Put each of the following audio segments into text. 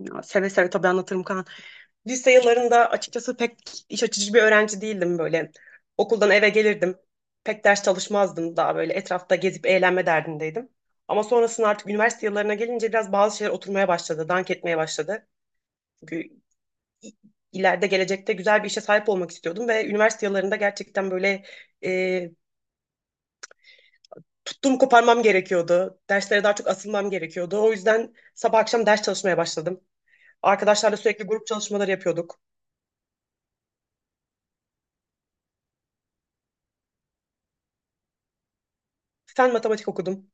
Ya, seve seve tabii anlatırım Kaan. Lise yıllarında açıkçası pek iş açıcı bir öğrenci değildim böyle. Okuldan eve gelirdim. Pek ders çalışmazdım. Daha böyle etrafta gezip eğlenme derdindeydim. Ama sonrasında artık üniversite yıllarına gelince biraz bazı şeyler oturmaya başladı. Dank etmeye başladı. Çünkü i- ileride gelecekte güzel bir işe sahip olmak istiyordum. Ve üniversite yıllarında gerçekten böyle e, tuttuğum koparmam gerekiyordu. Derslere daha çok asılmam gerekiyordu. O yüzden sabah akşam ders çalışmaya başladım. Arkadaşlarla sürekli grup çalışmaları yapıyorduk. Fen matematik okudum.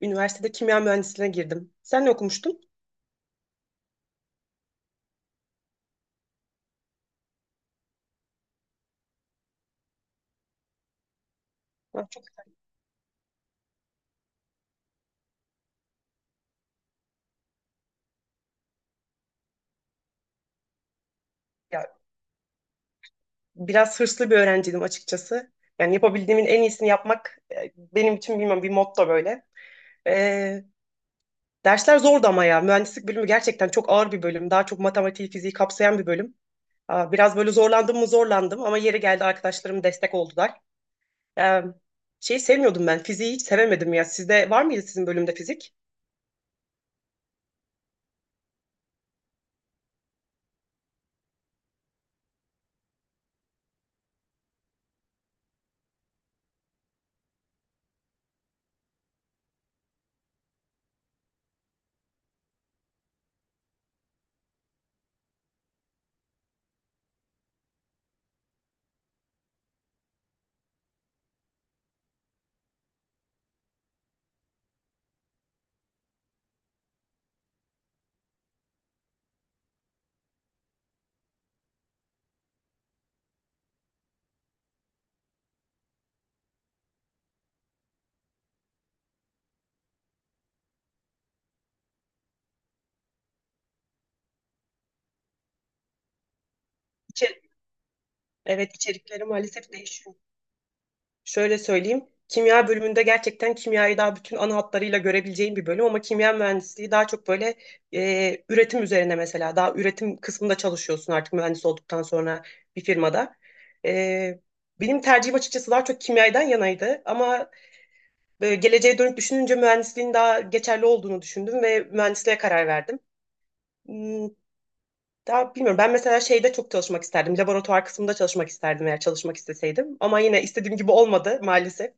Üniversitede kimya mühendisliğine girdim. Sen ne okumuştun? Ben çok ya, biraz hırslı bir öğrenciydim açıkçası. Yani yapabildiğimin en iyisini yapmak benim için bilmem bir motto böyle. Ee, Dersler zordu ama ya. Mühendislik bölümü gerçekten çok ağır bir bölüm. Daha çok matematiği, fiziği kapsayan bir bölüm. Biraz böyle zorlandım mı zorlandım ama yeri geldi arkadaşlarım destek oldular. Ee, Şeyi sevmiyordum ben. Fiziği hiç sevemedim ya. Sizde var mıydı sizin bölümde fizik? İçe- Evet içerikleri maalesef değişiyor. Şöyle söyleyeyim. Kimya bölümünde gerçekten kimyayı daha bütün ana hatlarıyla görebileceğin bir bölüm ama kimya mühendisliği daha çok böyle üretim üzerine, mesela daha üretim kısmında çalışıyorsun artık mühendis olduktan sonra bir firmada. E, Benim tercihim açıkçası daha çok kimyadan yanaydı ama geleceğe dönüp düşününce mühendisliğin daha geçerli olduğunu düşündüm ve mühendisliğe karar verdim. Hmm, daha bilmiyorum. Ben mesela şeyde çok çalışmak isterdim. Laboratuvar kısmında çalışmak isterdim eğer çalışmak isteseydim. Ama yine istediğim gibi olmadı maalesef.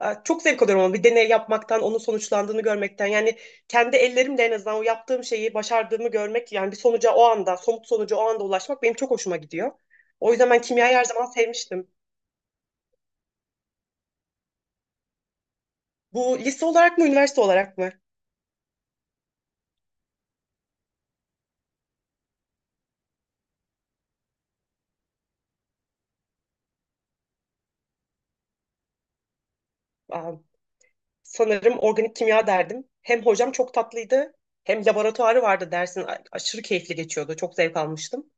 Çok zevk alıyorum ama bir deney yapmaktan, onun sonuçlandığını görmekten. Yani kendi ellerimle en azından o yaptığım şeyi başardığımı görmek, yani bir sonuca o anda, somut sonuca o anda ulaşmak benim çok hoşuma gidiyor. O yüzden ben kimyayı her zaman sevmiştim. Bu lise olarak mı, üniversite olarak mı? Aa, Sanırım organik kimya derdim. Hem hocam çok tatlıydı, hem laboratuvarı vardı dersin. Aşırı keyifli geçiyordu, çok zevk almıştım.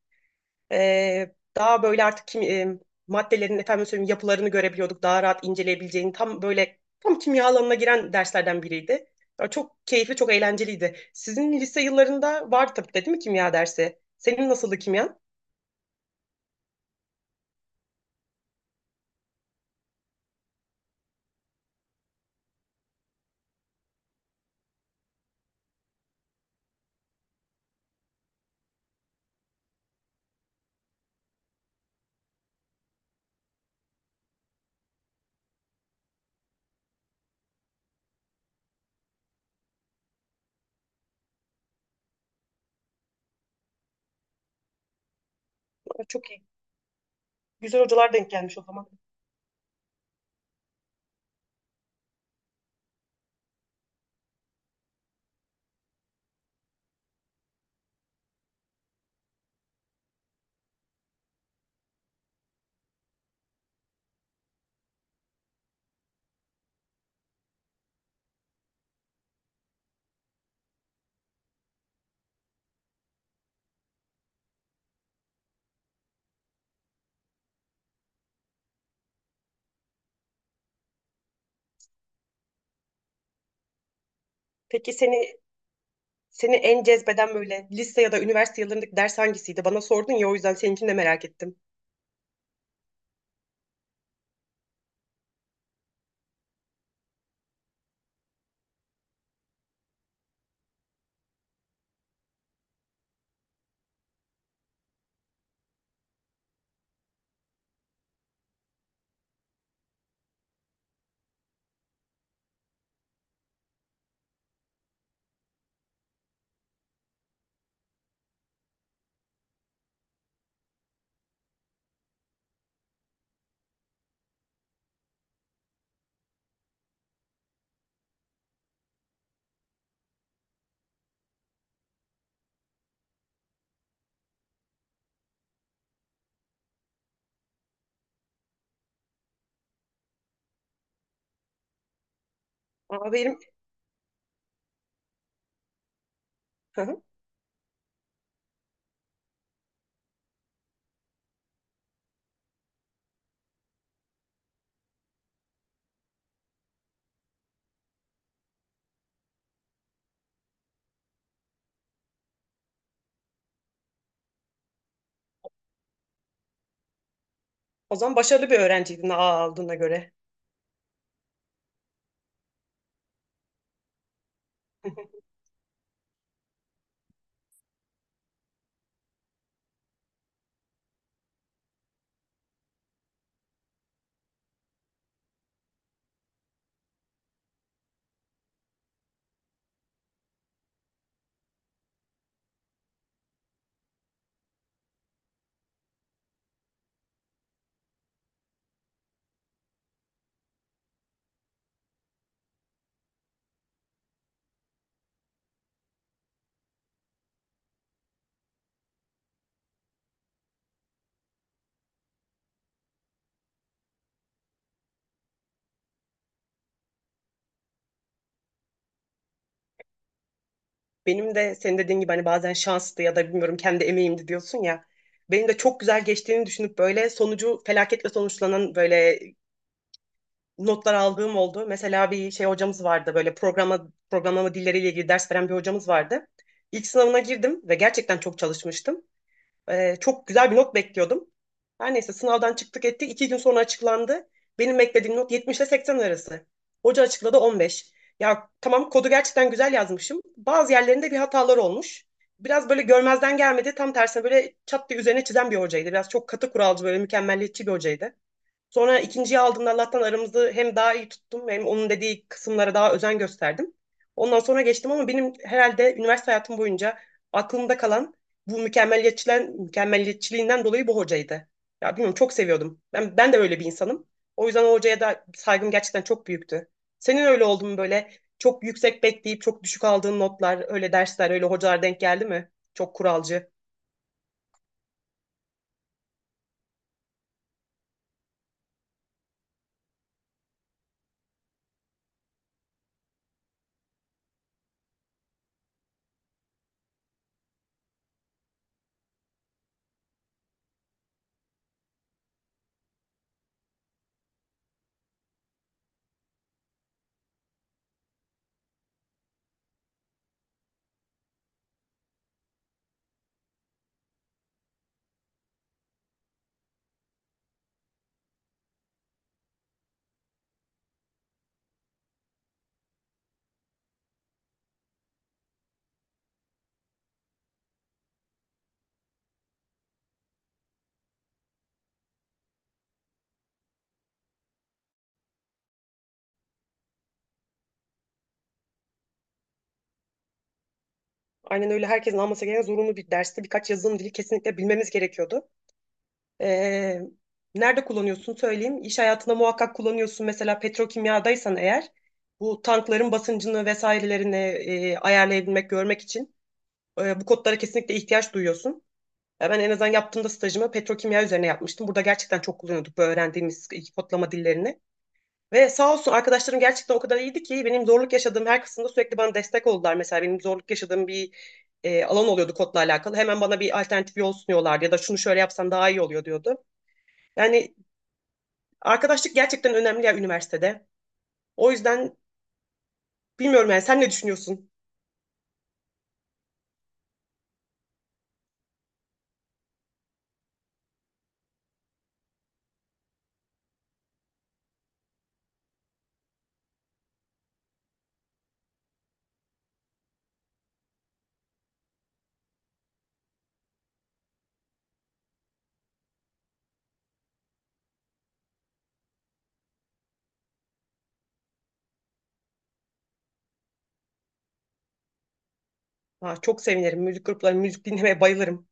Daha böyle artık maddelerin efendim söyleyeyim yapılarını görebiliyorduk. Daha rahat inceleyebileceğin tam böyle tam kimya alanına giren derslerden biriydi. Ya çok keyifli, çok eğlenceliydi. Sizin lise yıllarında var tabii de değil mi kimya dersi? Senin nasıldı kimya? Çok iyi. Güzel hocalar denk gelmiş o zaman. Peki seni en cezbeden böyle lise ya da üniversite yıllarındaki ders hangisiydi? Bana sordun ya o yüzden seninkini de merak ettim. Aa, benim hı hı. O zaman başarılı bir öğrenciydin aa aldığına göre. Benim de senin dediğin gibi hani bazen şanstı ya da bilmiyorum kendi emeğimdi diyorsun ya. Benim de çok güzel geçtiğini düşünüp böyle sonucu felaketle sonuçlanan böyle notlar aldığım oldu. Mesela bir şey hocamız vardı böyle programlama dilleriyle ilgili ders veren bir hocamız vardı. İlk sınavına girdim ve gerçekten çok çalışmıştım. Çok güzel bir not bekliyordum. Her neyse sınavdan çıktık ettik. İki gün sonra açıklandı. Benim beklediğim not 70 ile 80 arası. Hoca açıkladı 15. Ya tamam, kodu gerçekten güzel yazmışım. Bazı yerlerinde bir hatalar olmuş. Biraz böyle görmezden gelmedi. Tam tersine böyle çat diye üzerine çizen bir hocaydı. Biraz çok katı kuralcı, böyle mükemmelliyetçi bir hocaydı. Sonra ikinciyi aldığımda Allah'tan aramızı hem daha iyi tuttum hem onun dediği kısımlara daha özen gösterdim. Ondan sonra geçtim ama benim herhalde üniversite hayatım boyunca aklımda kalan bu mükemmeliyetçiliğinden dolayı bu hocaydı. Ya bilmiyorum çok seviyordum. Ben de öyle bir insanım. O yüzden o hocaya da saygım gerçekten çok büyüktü. Senin öyle oldu mu böyle çok yüksek bekleyip çok düşük aldığın notlar, öyle dersler, öyle hocalar denk geldi mi? Çok kuralcı. Aynen öyle, herkesin alması gereken zorunlu bir derste birkaç yazılım dili kesinlikle bilmemiz gerekiyordu. Ee, Nerede kullanıyorsun söyleyeyim. İş hayatında muhakkak kullanıyorsun. Mesela petrokimyadaysan eğer bu tankların basıncını vesairelerini ayarlayabilmek, görmek için bu kodlara kesinlikle ihtiyaç duyuyorsun. Ya ben en azından yaptığımda stajımı petrokimya üzerine yapmıştım. Burada gerçekten çok kullanıyorduk bu öğrendiğimiz iki kodlama dillerini. Ve sağ olsun arkadaşlarım gerçekten o kadar iyiydi ki benim zorluk yaşadığım her kısımda sürekli bana destek oldular. Mesela benim zorluk yaşadığım bir alan oluyordu kodla alakalı. Hemen bana bir alternatif yol sunuyorlardı ya da şunu şöyle yapsan daha iyi oluyor diyordu. Yani arkadaşlık gerçekten önemli ya üniversitede. O yüzden bilmiyorum, yani sen ne düşünüyorsun? Ha, çok sevinirim. Müzik grupları, müzik dinlemeye bayılırım.